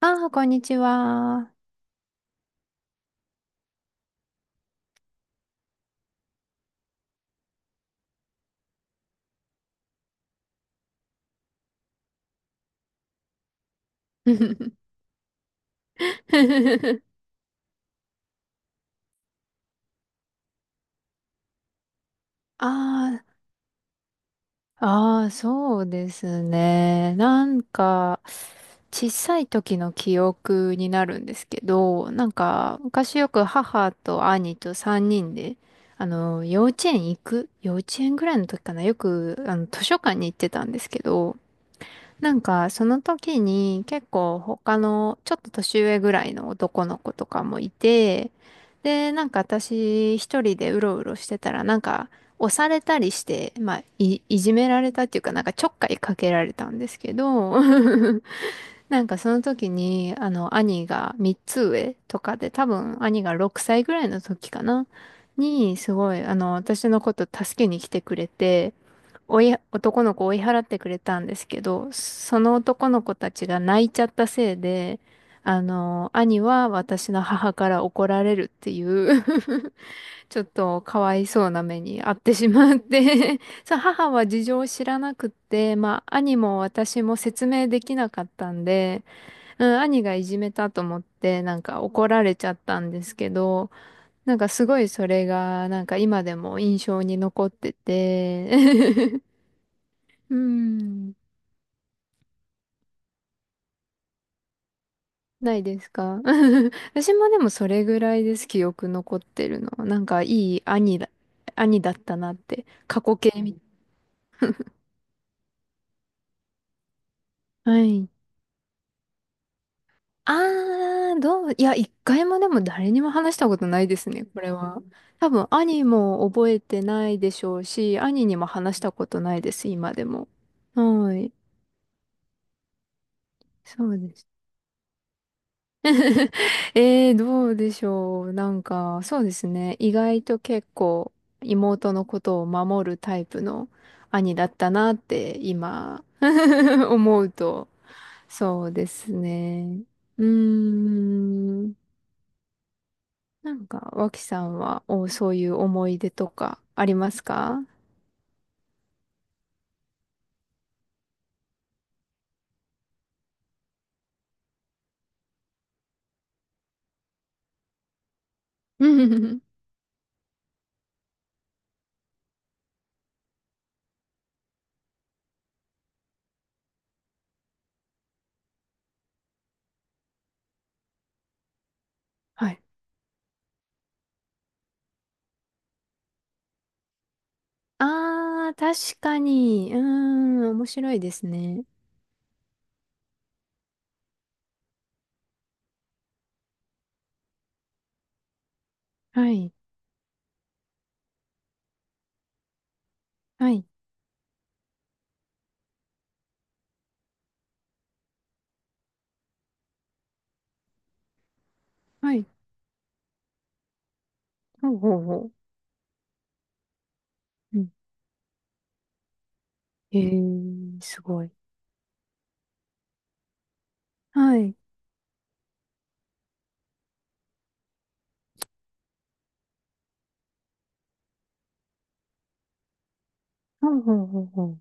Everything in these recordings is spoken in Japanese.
ああ、こんにちは。ああ、ああ、そうですね。なんか、小さい時の記憶になるんですけど、なんか、昔よく母と兄と3人で、あの、幼稚園ぐらいの時かな、よく、あの、図書館に行ってたんですけど、なんか、その時に結構他のちょっと年上ぐらいの男の子とかもいて、で、なんか私一人でうろうろしてたら、なんか押されたりして、まあ、いじめられたっていうか、なんかちょっかいかけられたんですけど、なんかその時に、あの、兄が3つ上とかで、多分兄が6歳ぐらいの時かな、に、すごい、あの、私のこと助けに来てくれて、男の子を追い払ってくれたんですけど、その男の子たちが泣いちゃったせいで、あの、兄は私の母から怒られるっていう ちょっとかわいそうな目に遭ってしまって そう、母は事情を知らなくって、まあ、兄も私も説明できなかったんで、うん、兄がいじめたと思って、なんか怒られちゃったんですけど、なんかすごいそれが、なんか今でも印象に残ってて、うん、ないですか？ 私もでもそれぐらいです、記憶残ってるの。なんかいい兄だ、兄だったなって、過去形み、はい。いや、一回もでも誰にも話したことないですね、これは。多分、兄も覚えてないでしょうし、兄にも話したことないです、今でも。はい。そうです。どうでしょう。なんか、そうですね。意外と結構、妹のことを守るタイプの兄だったなって、今、思うと。そうですね。うーん。なんか、脇さんは、そういう思い出とかありますか？うんうんうんはい。あー、確かに。うーん、面白いですね。はい。はい。はい。ほうほうほう。うん。へー、すごい。はい。ほうほうほうほう。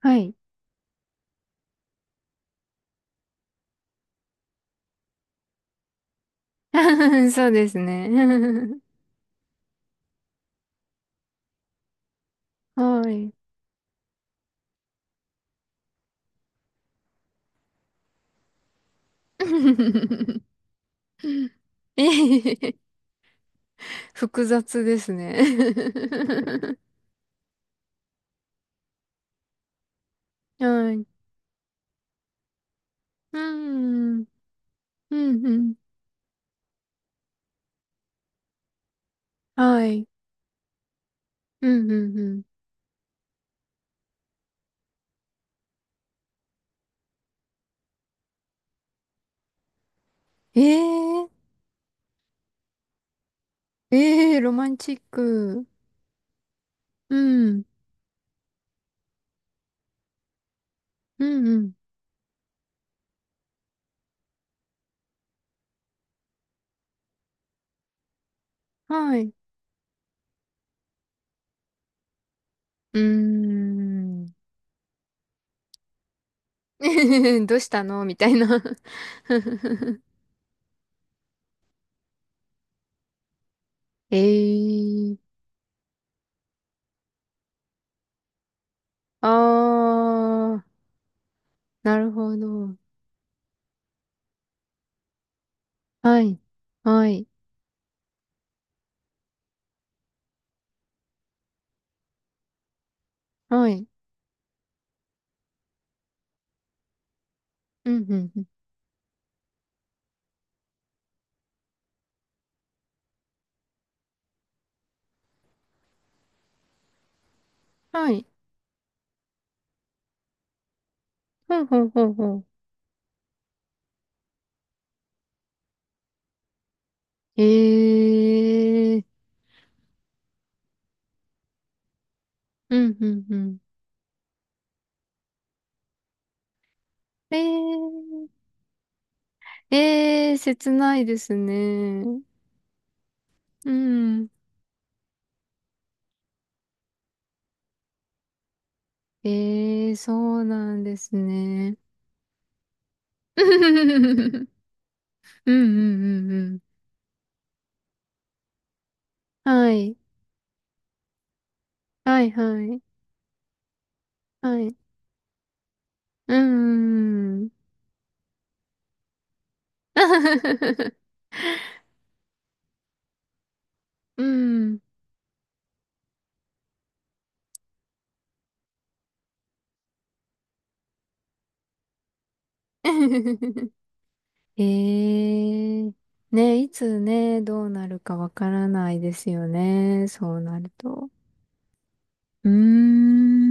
はい。そうですね。はい。えへへ複雑ですね。はい。うん。うん、うん。はい。うんうんうん。ええええロマンチック。うん、うんうん。はい。うーん。どうしたのみたいな ええああー、なるほど。はい、はい、はい。うんうんうん。はい。ほうほうほうほう。ええうんうんうん。ええええ切ないですね。うん。ええそうなんですね。うんうんうんうん。はい。はいはい。はい。うん。うん。うん。ええー。ね、いつね、どうなるかわからないですよね。そうなると。うー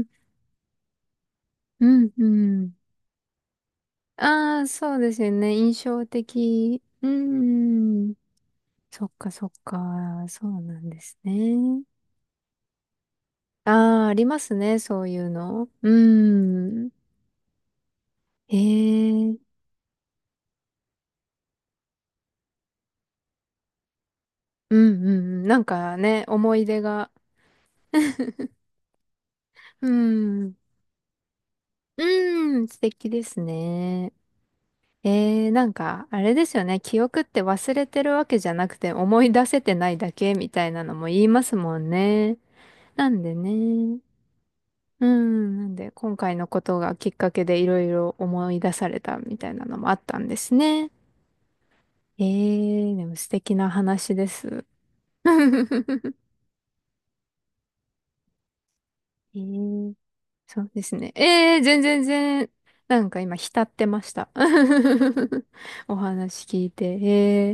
ん。うん、うん。ああ、そうですよね。印象的。うーん。そっかそっか。そうなんですね。ああ、ありますね。そういうの。うーん。へえ、うんうんうん。なんかね、思い出が。うん。うん、素敵ですね。なんか、あれですよね。記憶って忘れてるわけじゃなくて思い出せてないだけみたいなのも言いますもんね。なんでね。うん。なんで、今回のことがきっかけでいろいろ思い出されたみたいなのもあったんですね。でも素敵な話です。えーそうですね。ええー、全然全然、なんか今浸ってました。お話聞いて。ええ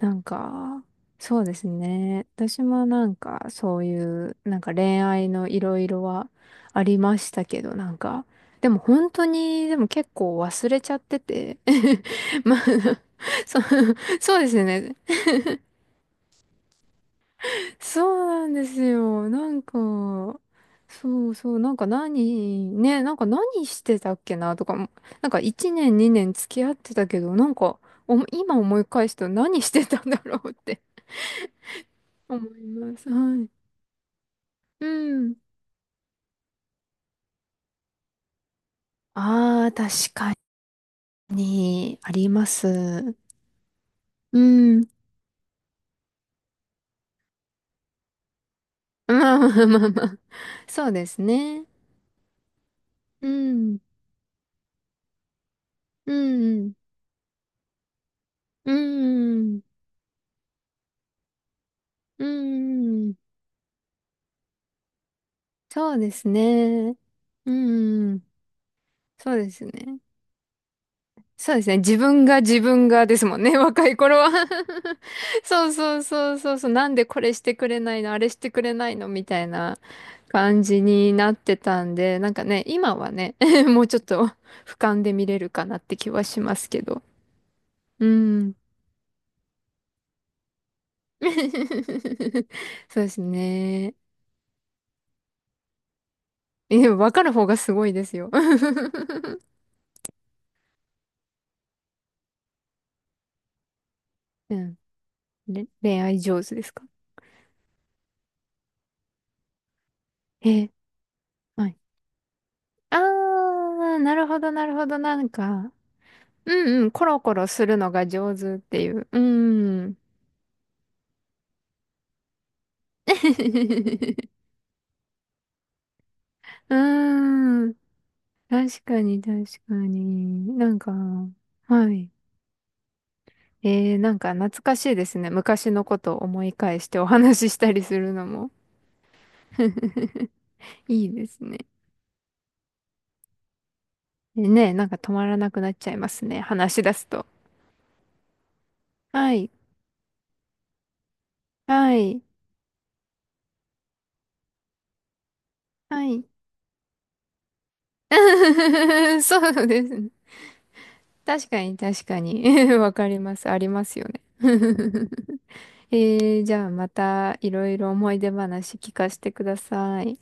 ー、なんか、そうですね。私もなんか、そういう、なんか恋愛のいろいろはありましたけど、なんか、でも本当に、でも結構忘れちゃってて。まあ、そう、そうですね。そうなんですよ。なんか、そうそう、なんか何、ね、なんか何してたっけなとかも、なんか1年2年付き合ってたけど、なんか、今思い返すと何してたんだろうって 思います。はい。うん。ああ、確かに、あります。うん。まあまあまあまあ。そうですね。うん。うん。うん。うん。うんそうですね。うん。そうですね。そうですね。自分が自分がですもんね。若い頃は そうそうそうそうそう。なんでこれしてくれないの、あれしてくれないのみたいな感じになってたんで、なんかね、今はね、もうちょっと俯瞰で見れるかなって気はしますけど。うん。そうですね。え、わかる方がすごいですよ。うん。恋愛上手ですか？え、はい。なるほど、なるほど、なんか。うんうん、コロコロするのが上手っていう。うん。うん。確かに、確かに。なんか、はい。なんか懐かしいですね。昔のことを思い返してお話ししたりするのも。いいですね。ねえ、なんか止まらなくなっちゃいますね。話し出すと。はい。はい。はい。そうですね。確かに、確かに。わかります。ありますよね。じゃあまたいろいろ思い出話聞かせてください。